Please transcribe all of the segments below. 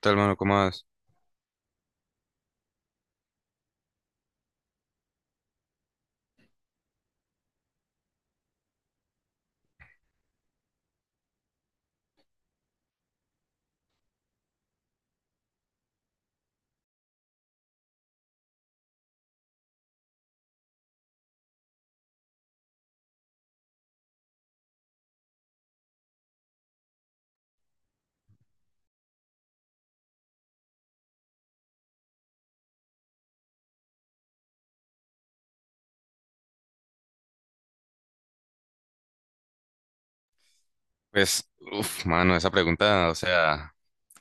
Tal, mano? ¿Cómo vas? Pues, mano, esa pregunta, o sea,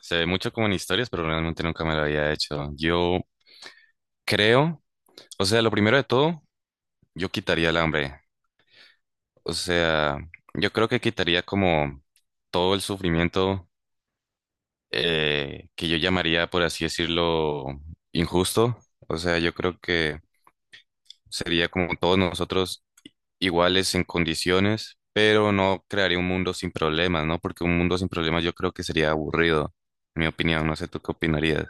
se ve mucho como en historias, pero realmente nunca me la había hecho. Yo creo, o sea, lo primero de todo, yo quitaría el hambre. O sea, yo creo que quitaría como todo el sufrimiento que yo llamaría, por así decirlo, injusto. O sea, yo creo que sería como todos nosotros iguales en condiciones, pero no crearía un mundo sin problemas, ¿no? Porque un mundo sin problemas yo creo que sería aburrido, en mi opinión. No sé tú qué opinarías.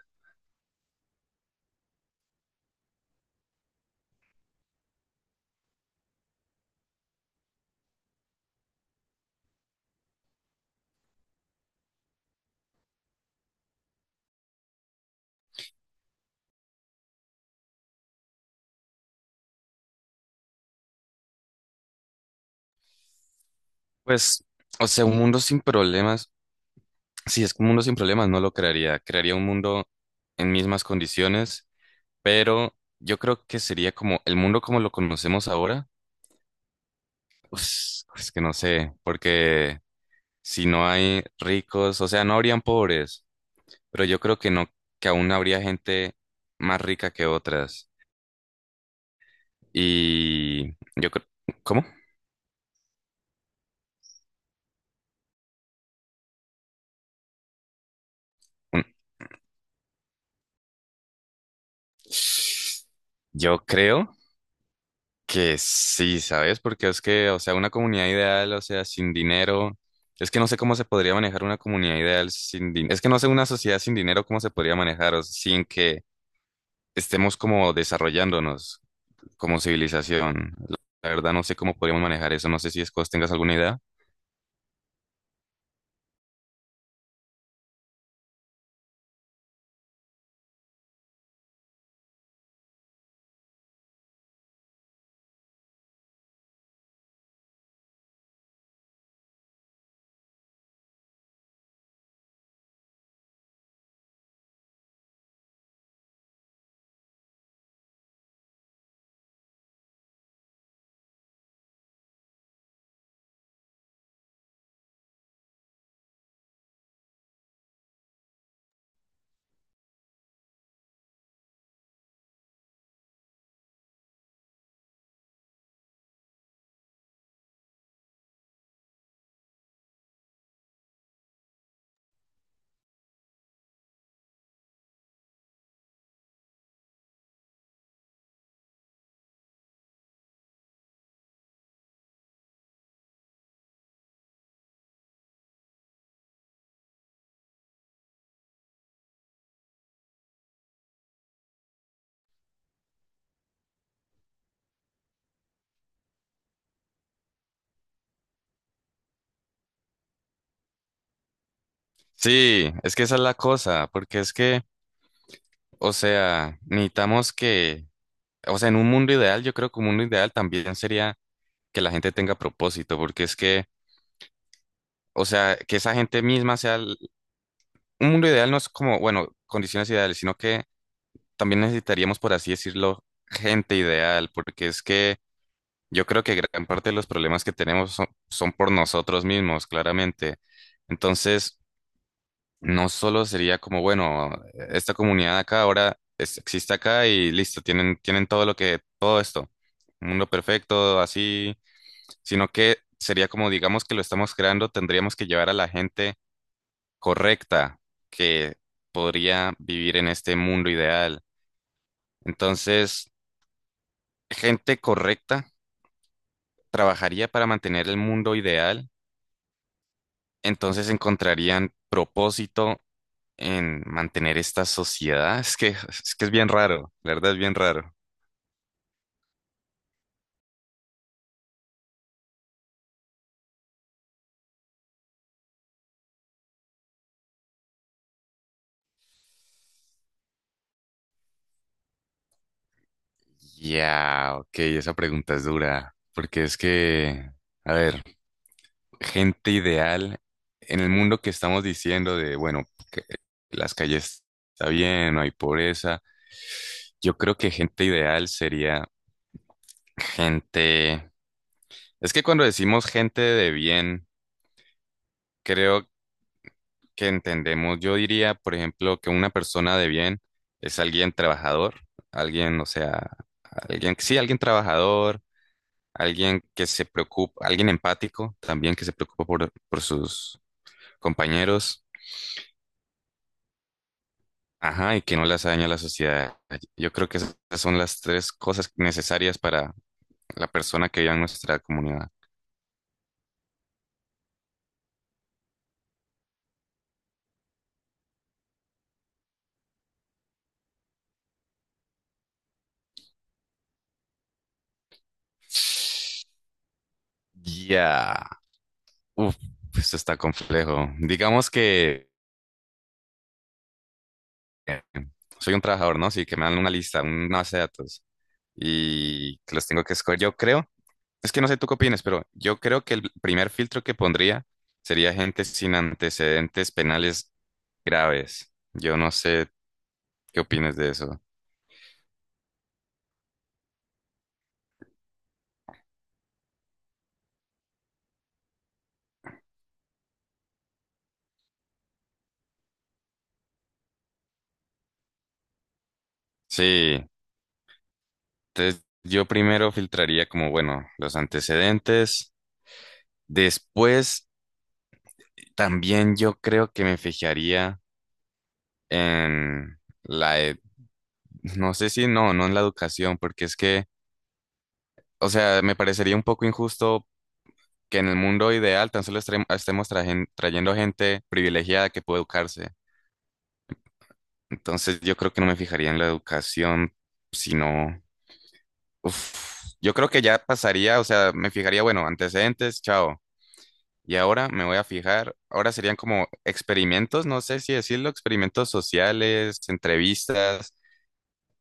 Pues, o sea, un mundo sin problemas, si es que un mundo sin problemas, no lo crearía. Crearía un mundo en mismas condiciones, pero yo creo que sería como el mundo como lo conocemos ahora. Pues, es que no sé, porque si no hay ricos, o sea, no habrían pobres, pero yo creo que no, que aún habría gente más rica que otras. Y yo creo, ¿cómo? Mm. Yo creo que sí, ¿sabes? Porque es que, o sea, una comunidad ideal, o sea, sin dinero, es que no sé cómo se podría manejar una comunidad ideal sin dinero. Es que no sé una sociedad sin dinero cómo se podría manejar, o sea, sin que estemos como desarrollándonos como civilización. La verdad, no sé cómo podríamos manejar eso. No sé si Escos tengas alguna idea. Sí, es que esa es la cosa, porque es que, o sea, necesitamos que... O sea, en un mundo ideal, yo creo que un mundo ideal también sería que la gente tenga propósito, porque es que, o sea, que esa gente misma sea... Un mundo ideal no es como, bueno, condiciones ideales, sino que también necesitaríamos, por así decirlo, gente ideal, porque es que yo creo que gran parte de los problemas que tenemos son por nosotros mismos, claramente. Entonces, no solo sería como, bueno, esta comunidad acá ahora existe acá y listo, tienen todo lo que, todo esto. Un mundo perfecto, así, sino que sería como, digamos que lo estamos creando, tendríamos que llevar a la gente correcta que podría vivir en este mundo ideal. Entonces, gente correcta trabajaría para mantener el mundo ideal, entonces encontrarían propósito en mantener esta sociedad. Es que es bien raro, la verdad, es bien raro. Ya, ok, esa pregunta es dura, porque es que, a ver, gente ideal en el mundo que estamos diciendo de, bueno, que las calles está bien, no hay pobreza. Yo creo que gente ideal sería gente... Es que cuando decimos gente de bien, creo que entendemos, yo diría, por ejemplo, que una persona de bien es alguien trabajador, alguien, o sea, alguien, sí, alguien trabajador, alguien que se preocupa, alguien empático también que se preocupa por sus compañeros. Ajá, y que no las daña a la sociedad. Yo creo que esas son las tres cosas necesarias para la persona que vive en nuestra comunidad. Ya. Uf, esto está complejo. Digamos que eh, soy un trabajador, ¿no? Sí, que me dan una lista, una base de datos y que los tengo que escoger. Yo creo, es que no sé tú qué opinas, pero yo creo que el primer filtro que pondría sería gente sin antecedentes penales graves. Yo no sé qué opinas de eso. Sí. Entonces, yo primero filtraría como, bueno, los antecedentes. Después, también yo creo que me fijaría en la, no sé si no, no en la educación, porque es que, o sea, me parecería un poco injusto que en el mundo ideal tan solo estemos trayendo gente privilegiada que puede educarse. Entonces, yo creo que no me fijaría en la educación, sino, uf, yo creo que ya pasaría, o sea, me fijaría, bueno, antecedentes, chao. Y ahora me voy a fijar, ahora serían como experimentos, no sé si decirlo, experimentos sociales, entrevistas,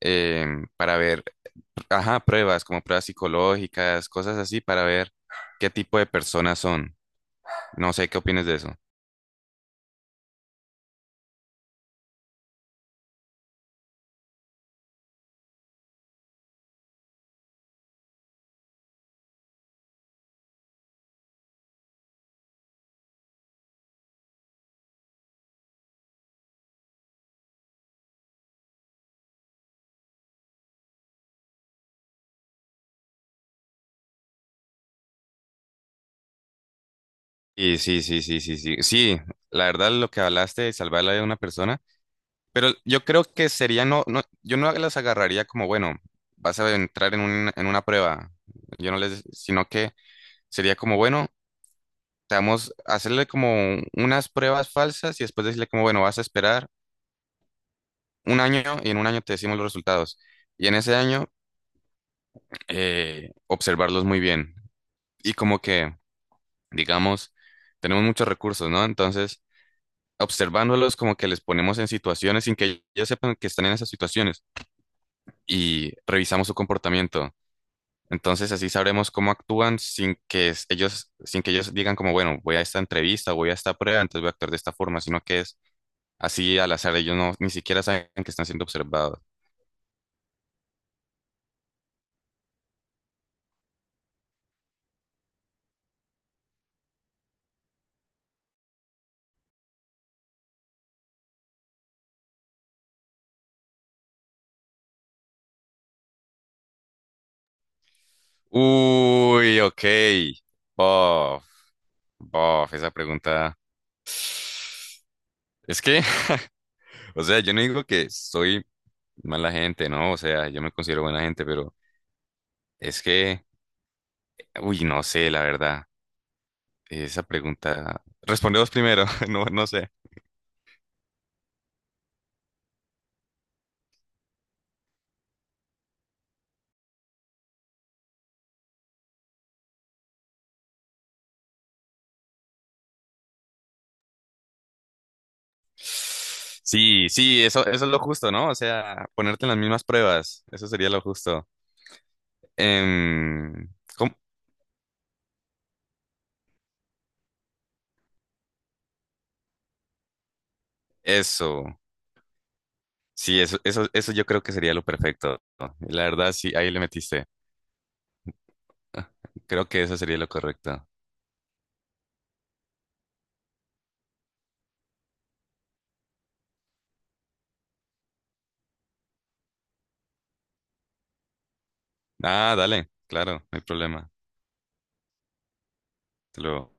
para ver, ajá, pruebas, como pruebas psicológicas, cosas así, para ver qué tipo de personas son. No sé qué opinas de eso. Y sí, sí, sí, sí, sí. Sí, la verdad, lo que hablaste de salvar la vida de una persona, pero yo creo que sería no, no, yo no las agarraría como, bueno, vas a entrar en una prueba. Yo no les, sino que sería como, bueno, estamos hacerle como unas pruebas falsas y después decirle como, bueno, vas a esperar un año y en un año te decimos los resultados. Y en ese año, observarlos muy bien. Y como que, digamos, tenemos muchos recursos, ¿no? Entonces, observándolos como que les ponemos en situaciones sin que ellos sepan que están en esas situaciones y revisamos su comportamiento. Entonces, así sabremos cómo actúan sin que sin que ellos digan como, bueno, voy a esta entrevista, voy a esta prueba, entonces voy a actuar de esta forma, sino que es así, al azar, ellos no, ni siquiera saben que están siendo observados. Uy, ok. Bof, bof, esa pregunta. Es que, o sea, yo no digo que soy mala gente, ¿no? O sea, yo me considero buena gente, pero es que, uy, no sé, la verdad. Esa pregunta. Respondemos primero, no, no sé. Sí, sí, eso es lo justo, ¿no? O sea, ponerte en las mismas pruebas, eso sería lo justo. Em, ¿Cómo? Eso. Sí, eso yo creo que sería lo perfecto, ¿no? La verdad, sí, ahí le metiste. Creo que eso sería lo correcto. Ah, dale, claro, no hay problema. Te lo